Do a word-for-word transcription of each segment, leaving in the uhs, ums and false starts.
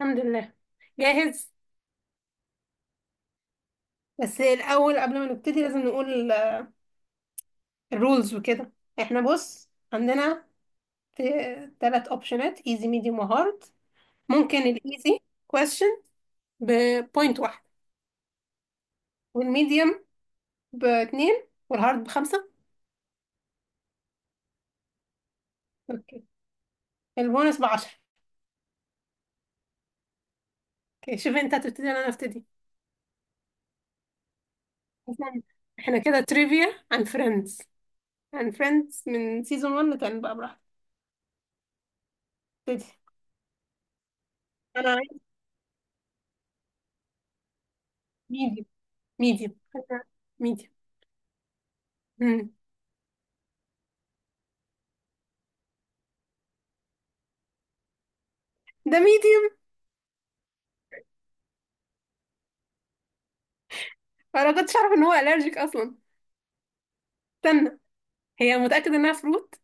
الحمد لله. جاهز. بس الأول قبل ما نبتدي لازم نقول الرولز وكده. احنا بص عندنا ثلاث اوبشنات، ايزي ميديوم وهارد. ممكن الايزي كويستشن بوينت واحد، والميديوم باتنين، والهارد بخمسة. اوكي، البونص بعشرة. اوكي، شوف انت هتبتدي ولا انا ابتدي؟ اصلا احنا كده تريفيا عن فريندز، عن فريندز من سيزون واحد لكان بقى براحتك، ابتدي. انا عايز ميديوم. ميديوم. ميديوم. ده ميديوم. فانا كنتش اعرف ان هو الرجيك اصلا. استنى، هي متاكده انها فروت؟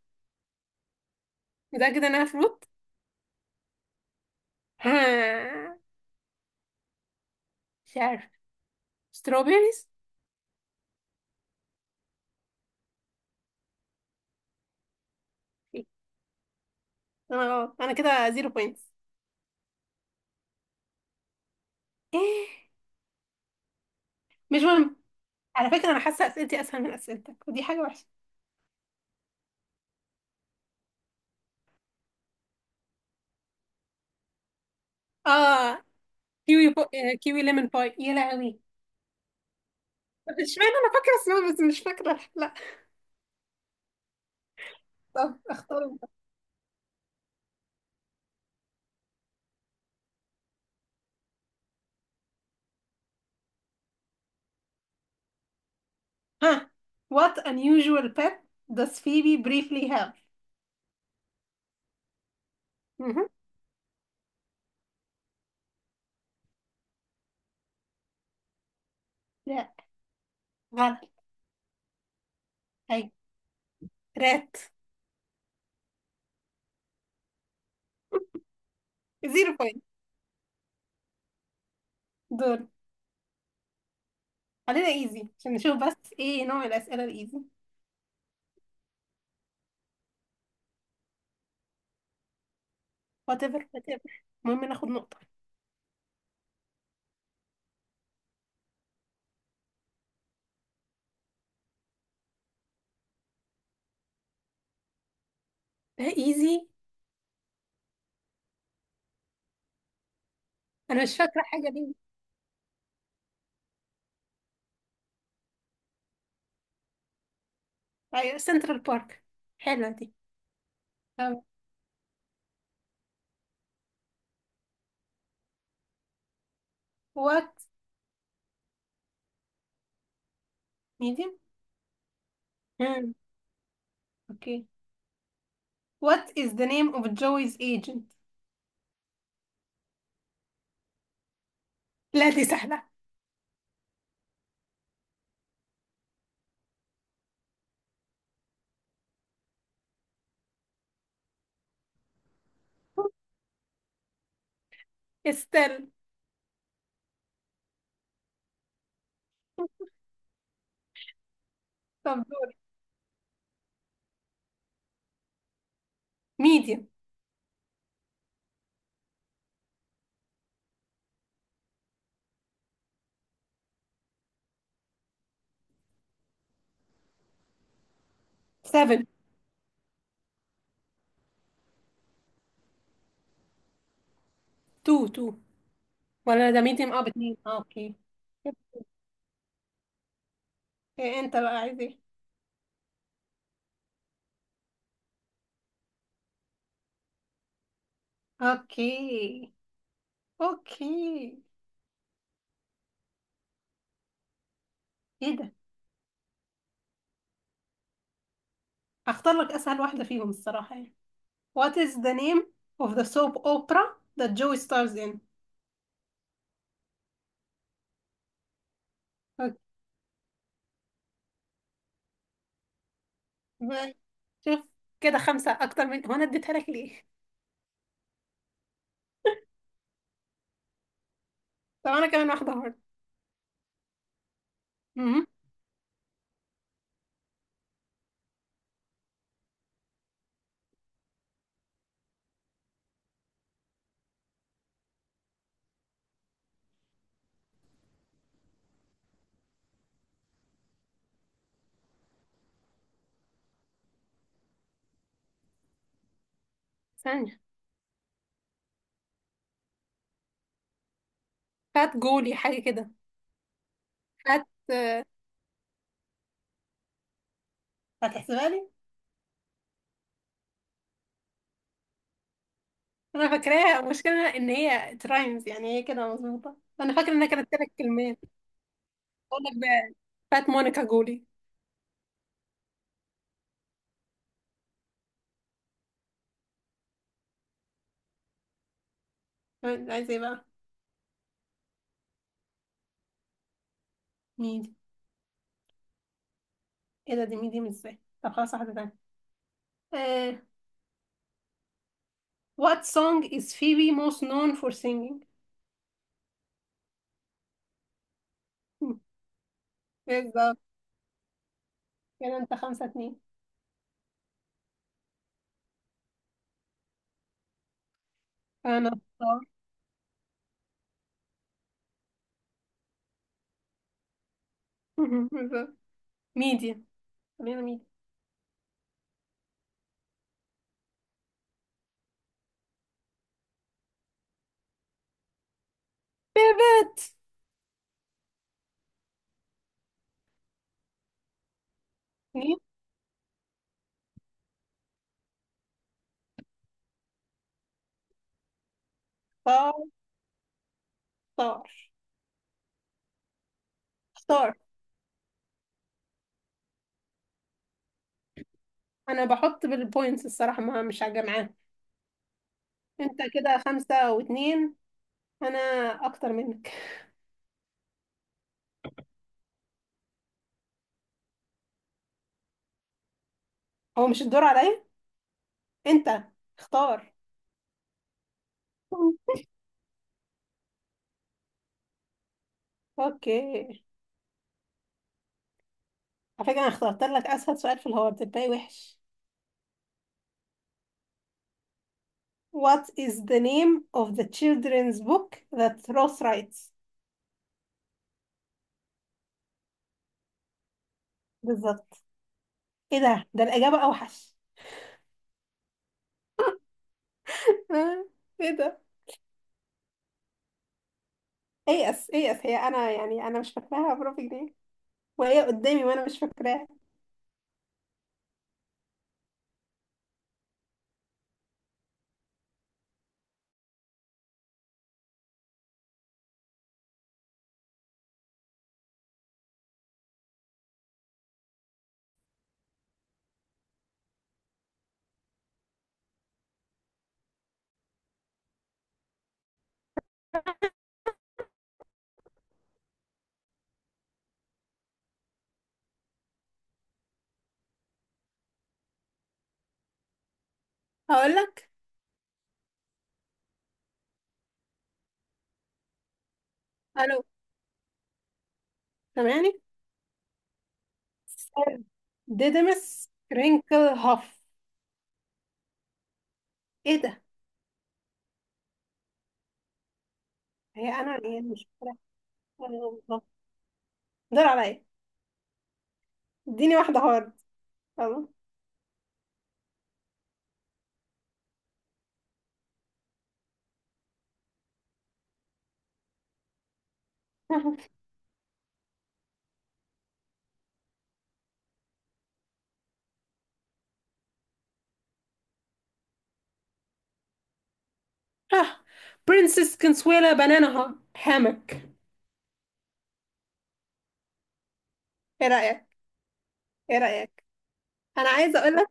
متاكده انها فروت؟ ها، مش عارف، ستروبيريز. انا غلط، انا كده زيرو بوينتس. ايه، مش مهم. على فكره انا حاسه اسئلتي اسهل من اسئلتك، ودي حاجه وحشه. اه، كيوي بو... آه، كيوي ليمون باي، يا لهوي. طب اشمعنى انا فاكره اسمها، بس مش فاكره، لا. طب اختار انت. ها. What unusual pet does Phoebe briefly have? مهم. لا، غلط. هاي رات. زيرو بوينت. دول خلينا ايزي عشان نشوف بس ايه نوع الاسئله الايزي. Whatever, whatever. المهم ناخد نقطه. ده ايزي. انا مش فاكره حاجه دي. ايوه، سنترال بارك. حلوه دي. طب. What? Medium. مم. اوكي. What is the name of Joey's agent? لا، دي سهله. استل. طب دول medium. سبعة. اتنين اتنين، ولا ده medium؟ اه باتنين، اه اوكي. إيه انت بقى عايز ايه؟ اوكي اوكي. ايه ده؟ اختار لك اسهل واحده فيهم الصراحه يعني. What is the name of the soap opera that Joey stars in? أوكي. مم. شوف، كده خمسة أكتر من هو، أنا اديتها لك ليه؟ طب أنا كمان واحدة برضه. مهم. ثانية. فات جولي حاجة كده. فات آه، هتحسبها لي؟ أنا فاكراها، المشكلة إن هي ترايمز، يعني هي كده مظبوطة، أنا فاكرة إنها كانت تلات كلمات. أقول لك بقى، فات مونيكا جولي. عايزة إيه بقى؟ ميدي. إيه ده، دي ميدي مش إزاي؟ طب خلاص، واحدة تانية. آه، What song is Phoebe most known for singing؟ بالظبط. كده انت خمسة اتنين. انا اختار. ميديا. خلينا ميديا. بيبت. اتنين. اختار اختار اختار. انا بحط بالبوينتس الصراحة، ما مش هجمعاها. انت كده خمسة واتنين، انا اكتر منك. هو مش الدور عليا، انت اختار. اوكي. على فكرة انا اخترت لك اسهل سؤال في الهارد، الباقي وحش. What is the name of the children's book that Rose writes? بالظبط. ايه ده ده الاجابة اوحش. ايه ده. ايأس ايأس، هي انا يعني انا مش فاكراها بربع جنيه وهي قدامي وانا مش فاكراها. هقول لك. الو، سامعني؟ ديدمس رينكل هاف. ايه ده. هي انا يعني مش فاكراها. الله. دور عليا. اديني واحده هارد، يلا. ها. برنسس كنسويلا بنانا هامك. ايه رايك؟ ايه رايك؟ انا عايزه اقول لك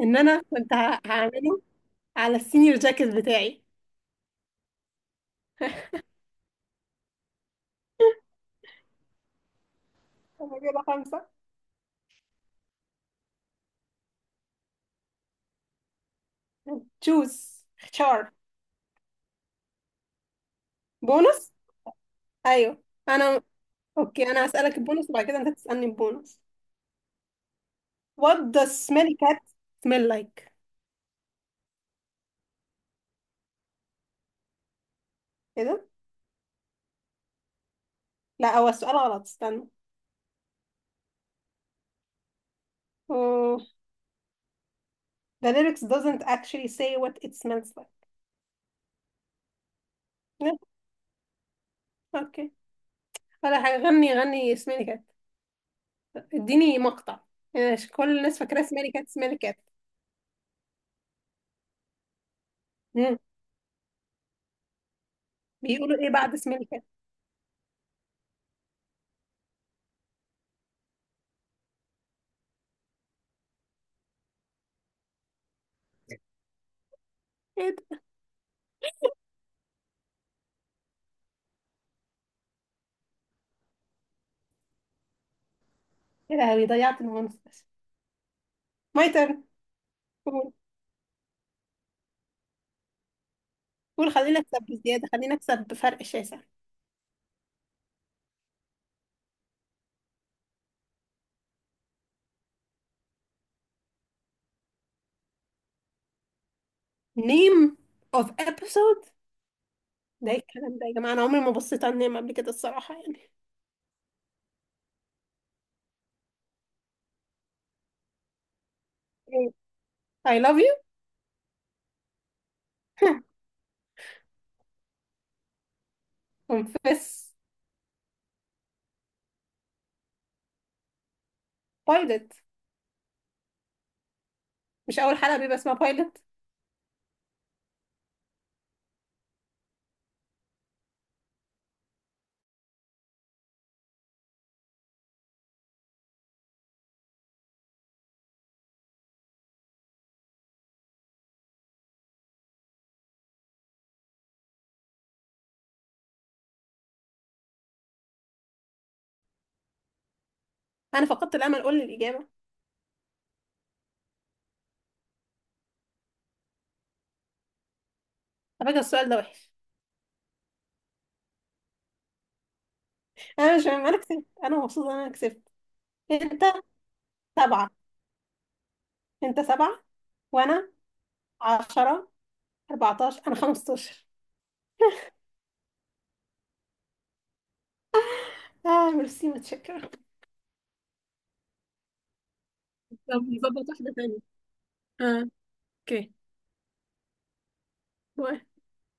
ان انا كنت ه- هعمله على السينيور جاكيت بتاعي. انا كده خمسه. تشوز، اختار. بونص. ايوه انا. اوكي انا هسألك البونص وبعد كده انت تسألني البونص. What does smelly cat smell like? كده. لا، هو السؤال غلط، استنى. مم. The lyrics doesn't actually say what it smells like. لا، اوكي. ولا حاجة، غني غني smelly cat. اديني مقطع، يعني عشان كل الناس فاكرة smelly cat smelly cat. مم. بيقولوا ايه بعد smelly cat؟ ايه ده. ايه لهوي، ضيعت البونص. My turn. قول. قول خلينا نكسب بزيادة، خلينا نكسب بفرق شاسع. Name of episode. ده ايه الكلام ده يا جماعة، انا عمري ما بصيت على النعمة قبل كده الصراحة يعني. إيه؟ I love you. confess. Pilot. مش اول حلقة بيبقى اسمها pilot؟ انا فقدت الامل، قول لي الاجابة. على فكرة السؤال ده وحش. انا مش فاهم، انا كسبت، انا مبسوطة ان انا كسبت. انت سبعة، انت سبعة، وانا عشرة. اربعتاشر، انا خمستاشر. اه ميرسي، متشكرة. طب نظبط واحدة تانية. اه اوكي.